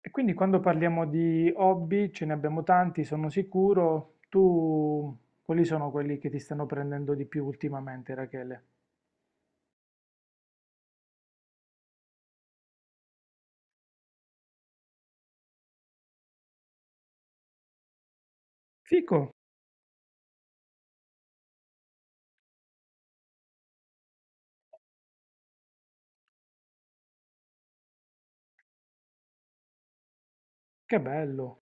E quindi quando parliamo di hobby, ce ne abbiamo tanti, sono sicuro. Tu, quali sono quelli che ti stanno prendendo di più ultimamente, Rachele? Fico, che bello.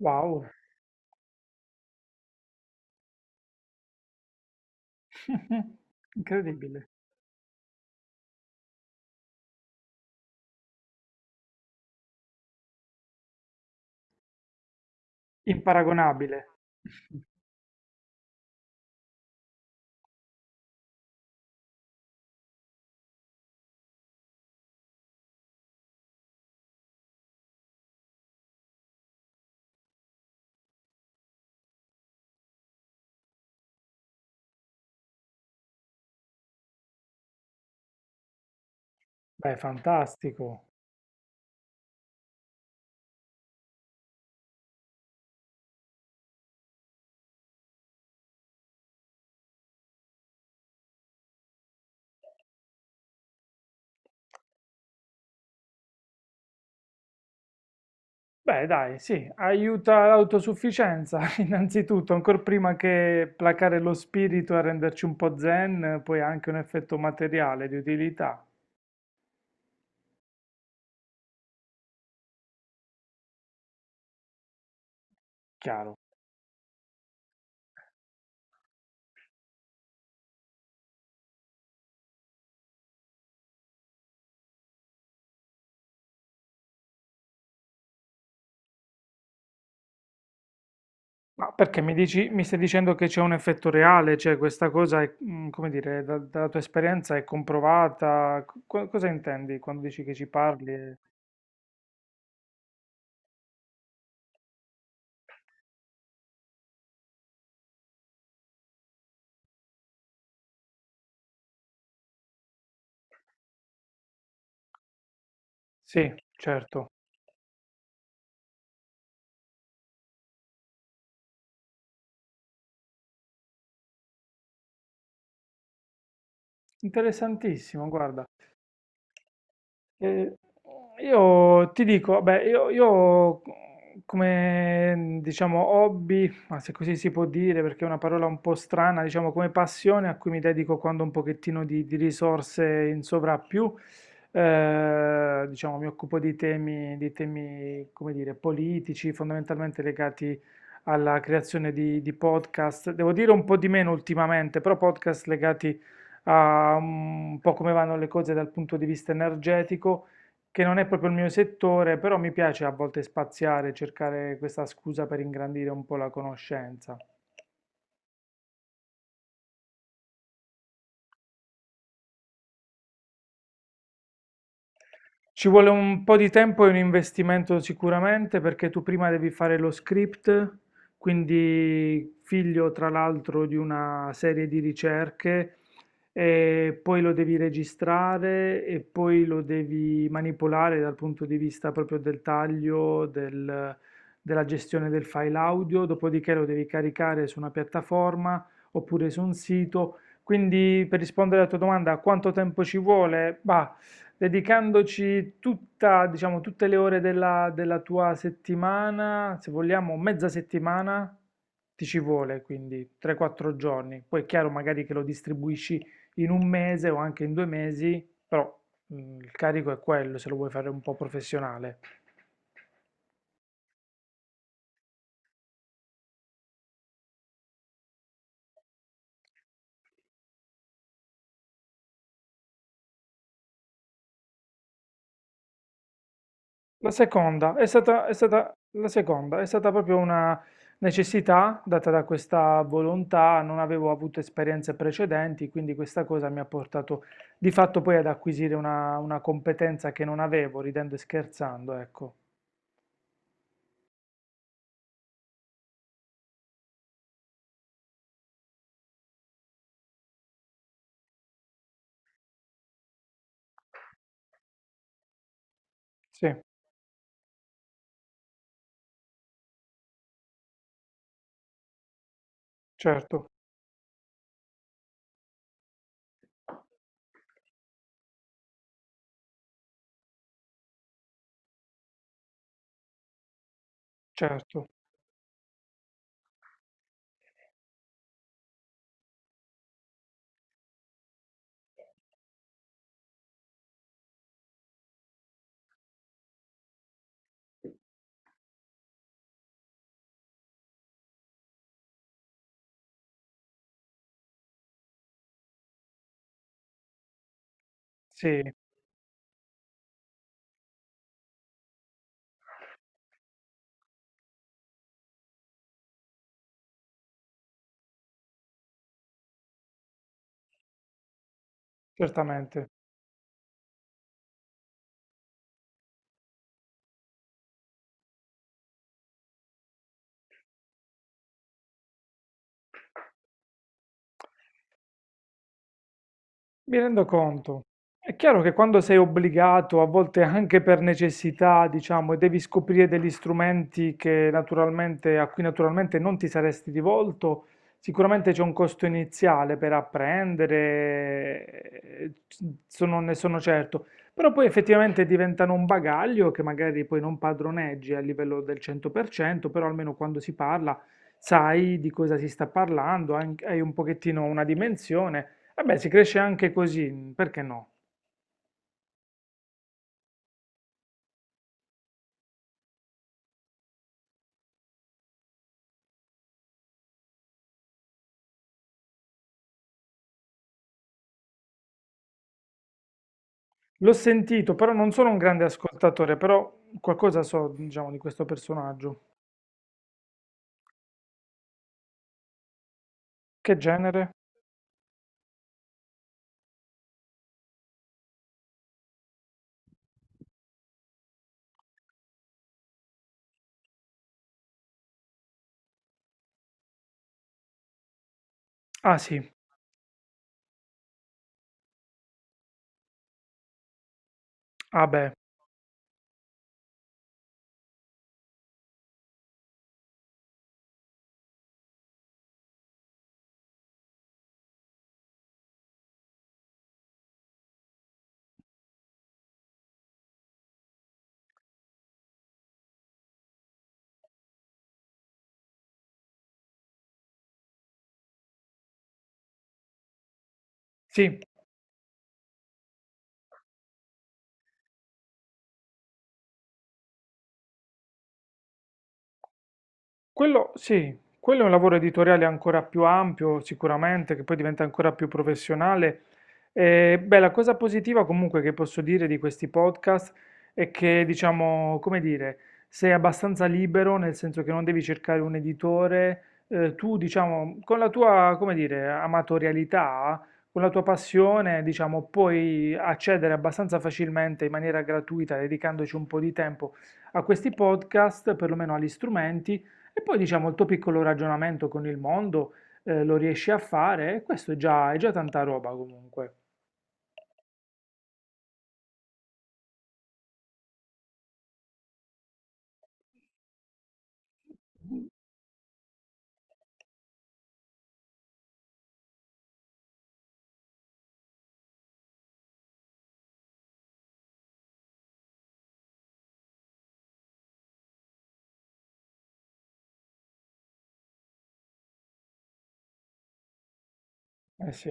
Wow. Incredibile. Imparagonabile. Beh, fantastico. Beh, dai, sì, aiuta l'autosufficienza, innanzitutto, ancora prima che placare lo spirito e renderci un po' zen, poi ha anche un effetto materiale di utilità, chiaro. Ma perché mi dici, mi stai dicendo che c'è un effetto reale, cioè questa cosa è, come dire, da- dalla tua esperienza è comprovata? Co- cosa intendi quando dici che ci parli? Sì, certo. Interessantissimo, guarda. Eh, io ti dico, beh, io come diciamo hobby, ma se così si può dire perché è una parola un po' strana, diciamo come passione a cui mi dedico quando ho un pochettino di risorse in sovrappiù, diciamo mi occupo di temi, come dire, politici, fondamentalmente legati alla creazione di podcast. Devo dire un po' di meno ultimamente, però podcast legati a un po' come vanno le cose dal punto di vista energetico, che non è proprio il mio settore, però mi piace a volte spaziare, cercare questa scusa per ingrandire un po' la conoscenza. Ci vuole un po' di tempo e un investimento sicuramente perché tu prima devi fare lo script, quindi figlio tra l'altro di una serie di ricerche, e poi lo devi registrare e poi lo devi manipolare dal punto di vista proprio del taglio, del- della gestione del file audio, dopodiché lo devi caricare su una piattaforma oppure su un sito. Quindi per rispondere alla tua domanda, quanto tempo ci vuole? Bah, dedicandoci tutta, diciamo, tutte le ore della, della tua settimana, se vogliamo mezza settimana, ti ci vuole, quindi 3-4 giorni. Poi è chiaro magari che lo distribuisci in un mese o anche in due mesi, però il carico è quello, se lo vuoi fare un po' professionale. La seconda è stata proprio una necessità data da questa volontà, non avevo avuto esperienze precedenti, quindi questa cosa mi ha portato di fatto poi ad acquisire una competenza che non avevo, ridendo e scherzando, ecco. Sì, certo, certo, sì, certamente. Mi rendo conto. È chiaro che quando sei obbligato, a volte anche per necessità, diciamo, e devi scoprire degli strumenti che naturalmente, a cui naturalmente non ti saresti rivolto, sicuramente c'è un costo iniziale per apprendere, eh, ne sono certo. Però poi effettivamente diventano un bagaglio che magari poi non padroneggi a livello del 100%, però almeno quando si parla sai di cosa si sta parlando, anche- hai un pochettino una dimensione. Vabbè, si cresce anche così, perché no? L'ho sentito, però non sono un grande ascoltatore, però qualcosa so, diciamo, di questo personaggio. Che genere? Ah sì, ah beh, sì. Quello sì, quello è un lavoro editoriale ancora più ampio, sicuramente, che poi diventa ancora più professionale. E, beh, la cosa positiva comunque che posso dire di questi podcast è che, diciamo, come dire, sei abbastanza libero, nel senso che non devi cercare un editore, tu, diciamo, con la tua, come dire, amatorialità, con la tua passione, diciamo, puoi accedere abbastanza facilmente in maniera gratuita, dedicandoci un po' di tempo a questi podcast, perlomeno agli strumenti e poi diciamo il tuo piccolo ragionamento con il mondo lo riesci a fare e questo è già tanta roba comunque. Eh sì,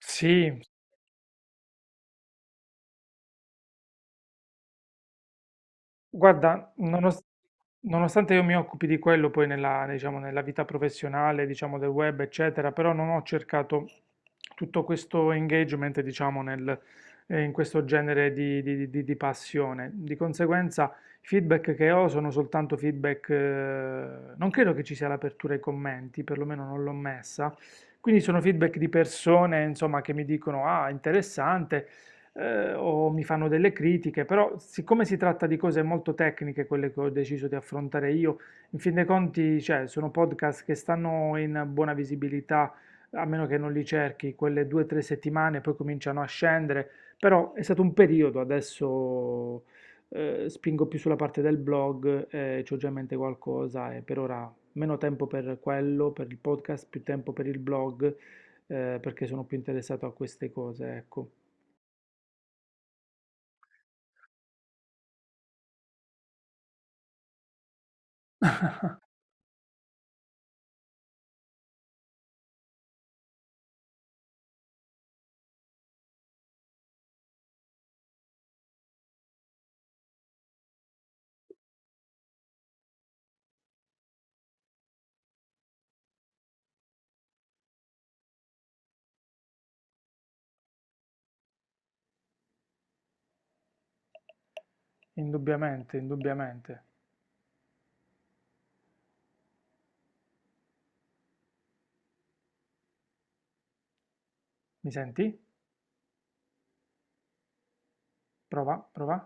sì. Guarda, nonostante io mi occupi di quello poi nella, diciamo, nella vita professionale, diciamo, del web, eccetera, però non ho cercato tutto questo engagement, diciamo, in questo genere di, di passione. Di conseguenza, i feedback che ho sono soltanto feedback, non credo che ci sia l'apertura ai commenti, perlomeno non l'ho messa. Quindi sono feedback di persone, insomma, che mi dicono, ah, interessante o mi fanno delle critiche, però siccome si tratta di cose molto tecniche, quelle che ho deciso di affrontare io, in fin dei conti, cioè, sono podcast che stanno in buona visibilità, a meno che non li cerchi, quelle due o tre settimane, poi cominciano a scendere, però è stato un periodo, adesso spingo più sulla parte del blog, c'ho già in mente qualcosa e per ora meno tempo per quello, per il podcast, più tempo per il blog, perché sono più interessato a queste cose, ecco. Indubbiamente, indubbiamente. Mi senti? Prova, prova.